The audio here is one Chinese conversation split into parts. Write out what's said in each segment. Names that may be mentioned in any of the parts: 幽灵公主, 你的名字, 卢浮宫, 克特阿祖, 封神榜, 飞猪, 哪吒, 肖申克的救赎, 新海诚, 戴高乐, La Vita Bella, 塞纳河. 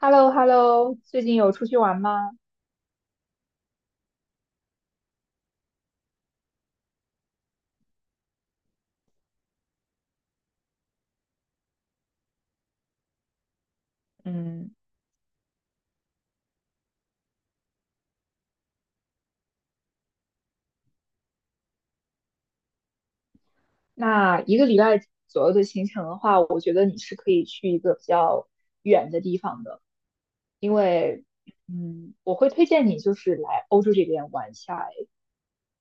h e l l o h e l l o 最近有出去玩吗？嗯，那一个礼拜左右的行程的话，我觉得你是可以去一个比较远的地方的，因为，我会推荐你就是来欧洲这边玩一下，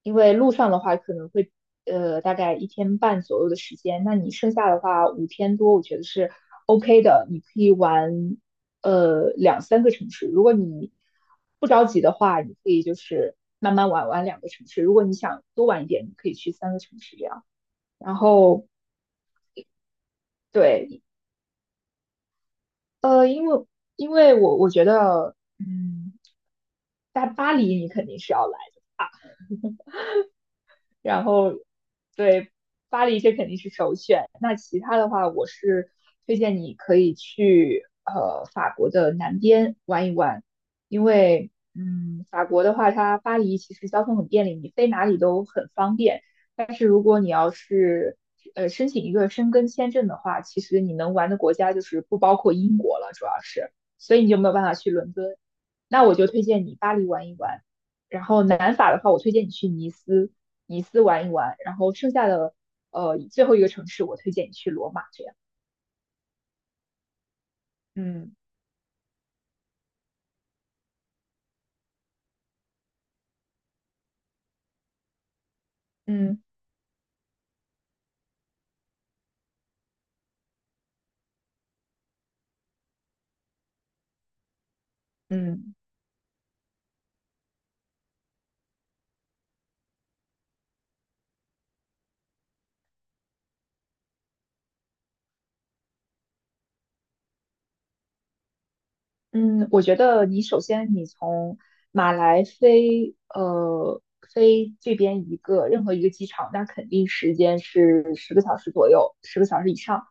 因为路上的话可能会大概一天半左右的时间，那你剩下的话5天多，我觉得是 OK 的，你可以玩两三个城市。如果你不着急的话，你可以就是慢慢玩玩两个城市。如果你想多玩一点，你可以去三个城市这样。然后对，呃，因为因为我觉得在巴黎，你肯定是要来。然后对，巴黎这肯定是首选。那其他的话，我是推荐你可以去法国的南边玩一玩，因为法国的话，它巴黎其实交通很便利，你飞哪里都很方便。但是如果你要是申请一个申根签证的话，其实你能玩的国家就是不包括英国了，主要是，所以你就没有办法去伦敦。那我就推荐你巴黎玩一玩，然后南法的话，我推荐你去尼斯，尼斯玩一玩，然后剩下的最后一个城市我推荐你去罗马这样。嗯嗯嗯，嗯，我觉得你首先你从马来飞这边一个任何一个机场，那肯定时间是十个小时左右，十个小时以上，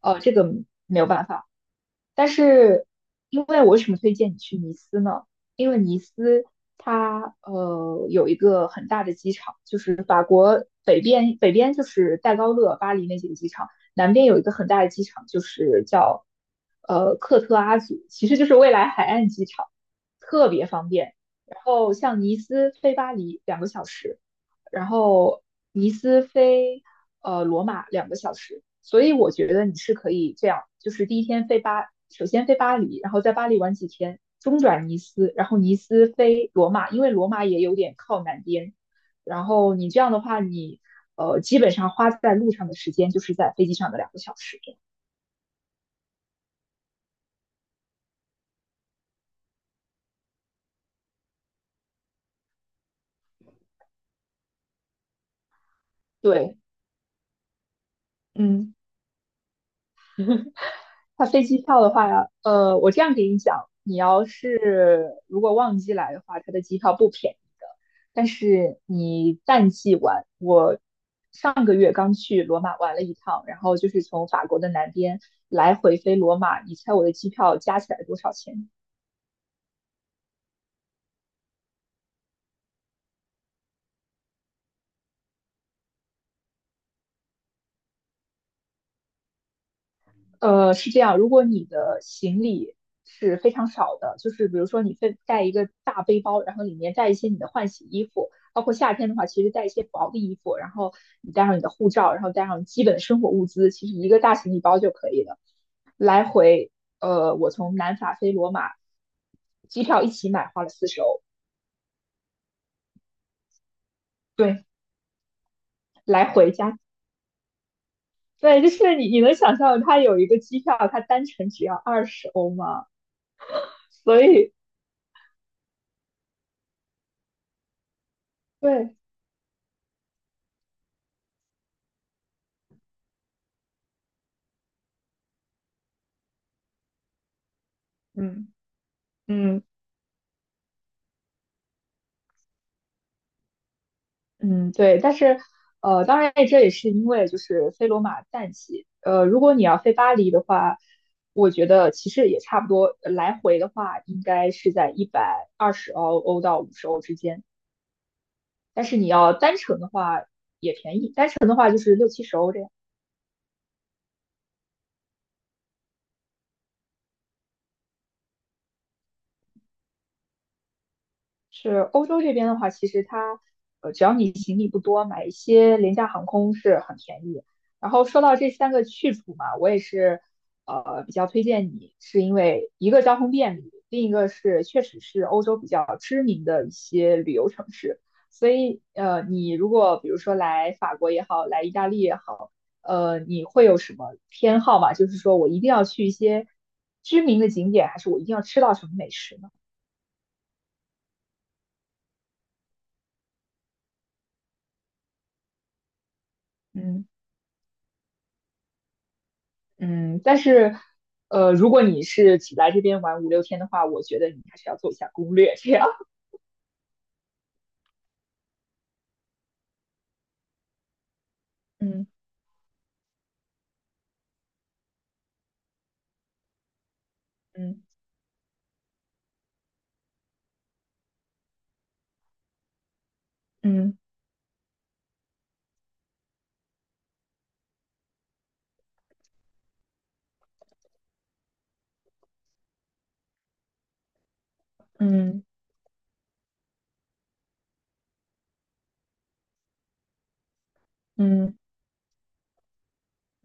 这个没有办法。但是，因为我为什么推荐你去尼斯呢？因为尼斯它有一个很大的机场，就是法国北边，北边就是戴高乐、巴黎那几个机场，南边有一个很大的机场，就是叫克特阿祖，其实就是未来海岸机场，特别方便。然后像尼斯飞巴黎两个小时，然后尼斯飞罗马两个小时，所以我觉得你是可以这样，就是第一天飞巴，首先飞巴黎，然后在巴黎玩几天，中转尼斯，然后尼斯飞罗马，因为罗马也有点靠南边，然后你这样的话，你基本上花在路上的时间就是在飞机上的两个小时。对，嗯。它飞机票的话我这样给你讲，你要是如果旺季来的话，它的机票不便宜的。但是你淡季玩，我上个月刚去罗马玩了一趟，然后就是从法国的南边来回飞罗马，你猜我的机票加起来多少钱？是这样，如果你的行李是非常少的，就是比如说你非带一个大背包，然后里面带一些你的换洗衣服，包括夏天的话，其实带一些薄的衣服，然后你带上你的护照，然后带上基本的生活物资，其实一个大行李包就可以了。来回，我从南法飞罗马，机票一起买花了40欧，对，来回加，对，就是你能想象它有一个机票，它单程只要二十欧吗？所以，对，嗯。嗯，嗯，对，但是，当然这也是因为就是飞罗马淡季，如果你要飞巴黎的话，我觉得其实也差不多，来回的话应该是在一百二十欧到50欧之间，但是你要单程的话也便宜，单程的话就是60到70欧这样。是欧洲这边的话，其实它只要你行李不多，买一些廉价航空是很便宜。然后说到这三个去处嘛，我也是比较推荐你，是因为一个交通便利，另一个是确实是欧洲比较知名的一些旅游城市。所以你如果比如说来法国也好，来意大利也好，你会有什么偏好吗？就是说我一定要去一些知名的景点，还是我一定要吃到什么美食呢？嗯。嗯，但是，如果你是只来这边玩五六天的话，我觉得你还是要做一下攻略，这样。嗯嗯嗯嗯嗯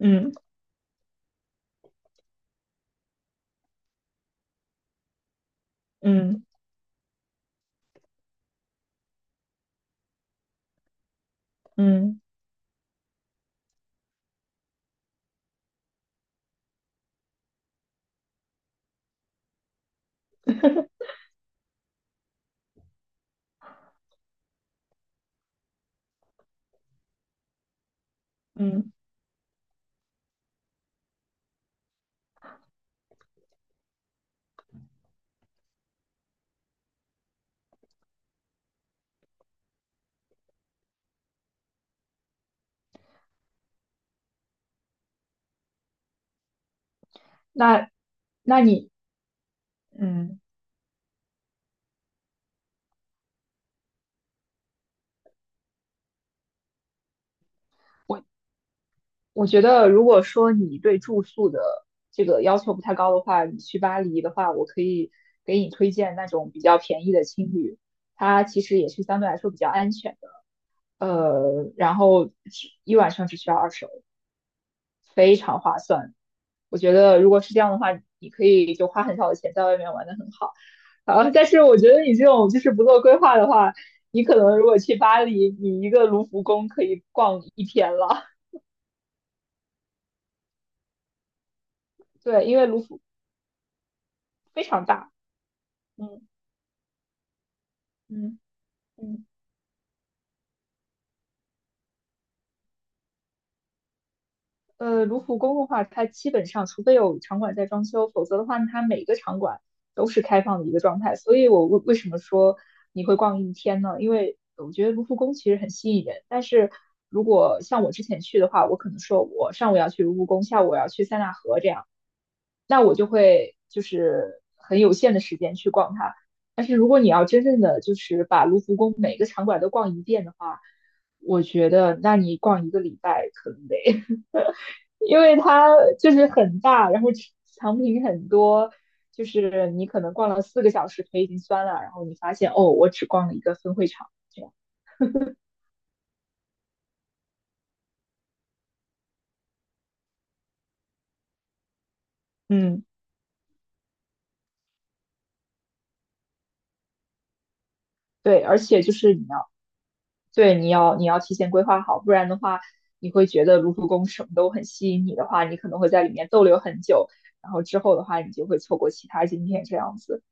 嗯嗯嗯嗯 那，那你，嗯，我我觉得，如果说你对住宿的这个要求不太高的话，你去巴黎的话，我可以给你推荐那种比较便宜的青旅，它其实也是相对来说比较安全的，然后只一晚上只需要二十，非常划算。我觉得如果是这样的话，你可以就花很少的钱在外面玩的很好。啊，但是我觉得你这种就是不做规划的话，你可能如果去巴黎，你一个卢浮宫可以逛一天了。对，因为卢浮非常大。嗯嗯嗯。卢浮宫的话，它基本上除非有场馆在装修，否则的话，它每个场馆都是开放的一个状态。所以我为什么说你会逛一天呢？因为我觉得卢浮宫其实很吸引人，但是如果像我之前去的话，我可能说我上午要去卢浮宫，下午我要去塞纳河这样，那我就会就是很有限的时间去逛它。但是如果你要真正的就是把卢浮宫每个场馆都逛一遍的话，我觉得那你逛一个礼拜可能得。因为它就是很大，然后产品很多，就是你可能逛了4个小时，腿已经酸了，然后你发现哦，我只逛了一个分会场，这样，嗯，对，而且就是你要，对，你要提前规划好，不然的话，你会觉得卢浮宫什么都很吸引你的话，你可能会在里面逗留很久，然后之后的话，你就会错过其他景点这样子，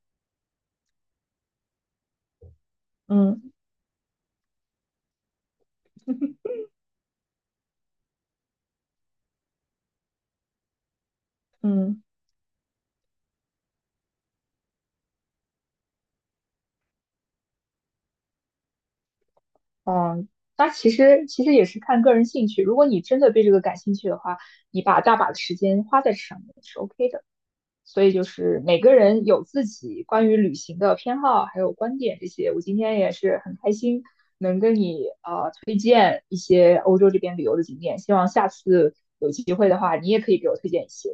嗯嗯。嗯，那其实也是看个人兴趣。如果你真的对这个感兴趣的话，你把大把的时间花在这上面是 OK 的。所以就是每个人有自己关于旅行的偏好，还有观点这些。我今天也是很开心能跟你推荐一些欧洲这边旅游的景点，希望下次有机会的话，你也可以给我推荐一些。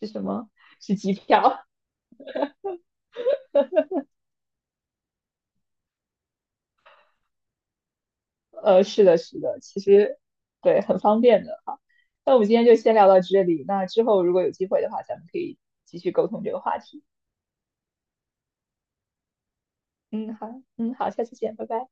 是什么？是机票。是的，是的，其实对，很方便的哈。那我们今天就先聊到这里，那之后如果有机会的话，咱们可以继续沟通这个话题。嗯，好，嗯，好，下次见，拜拜。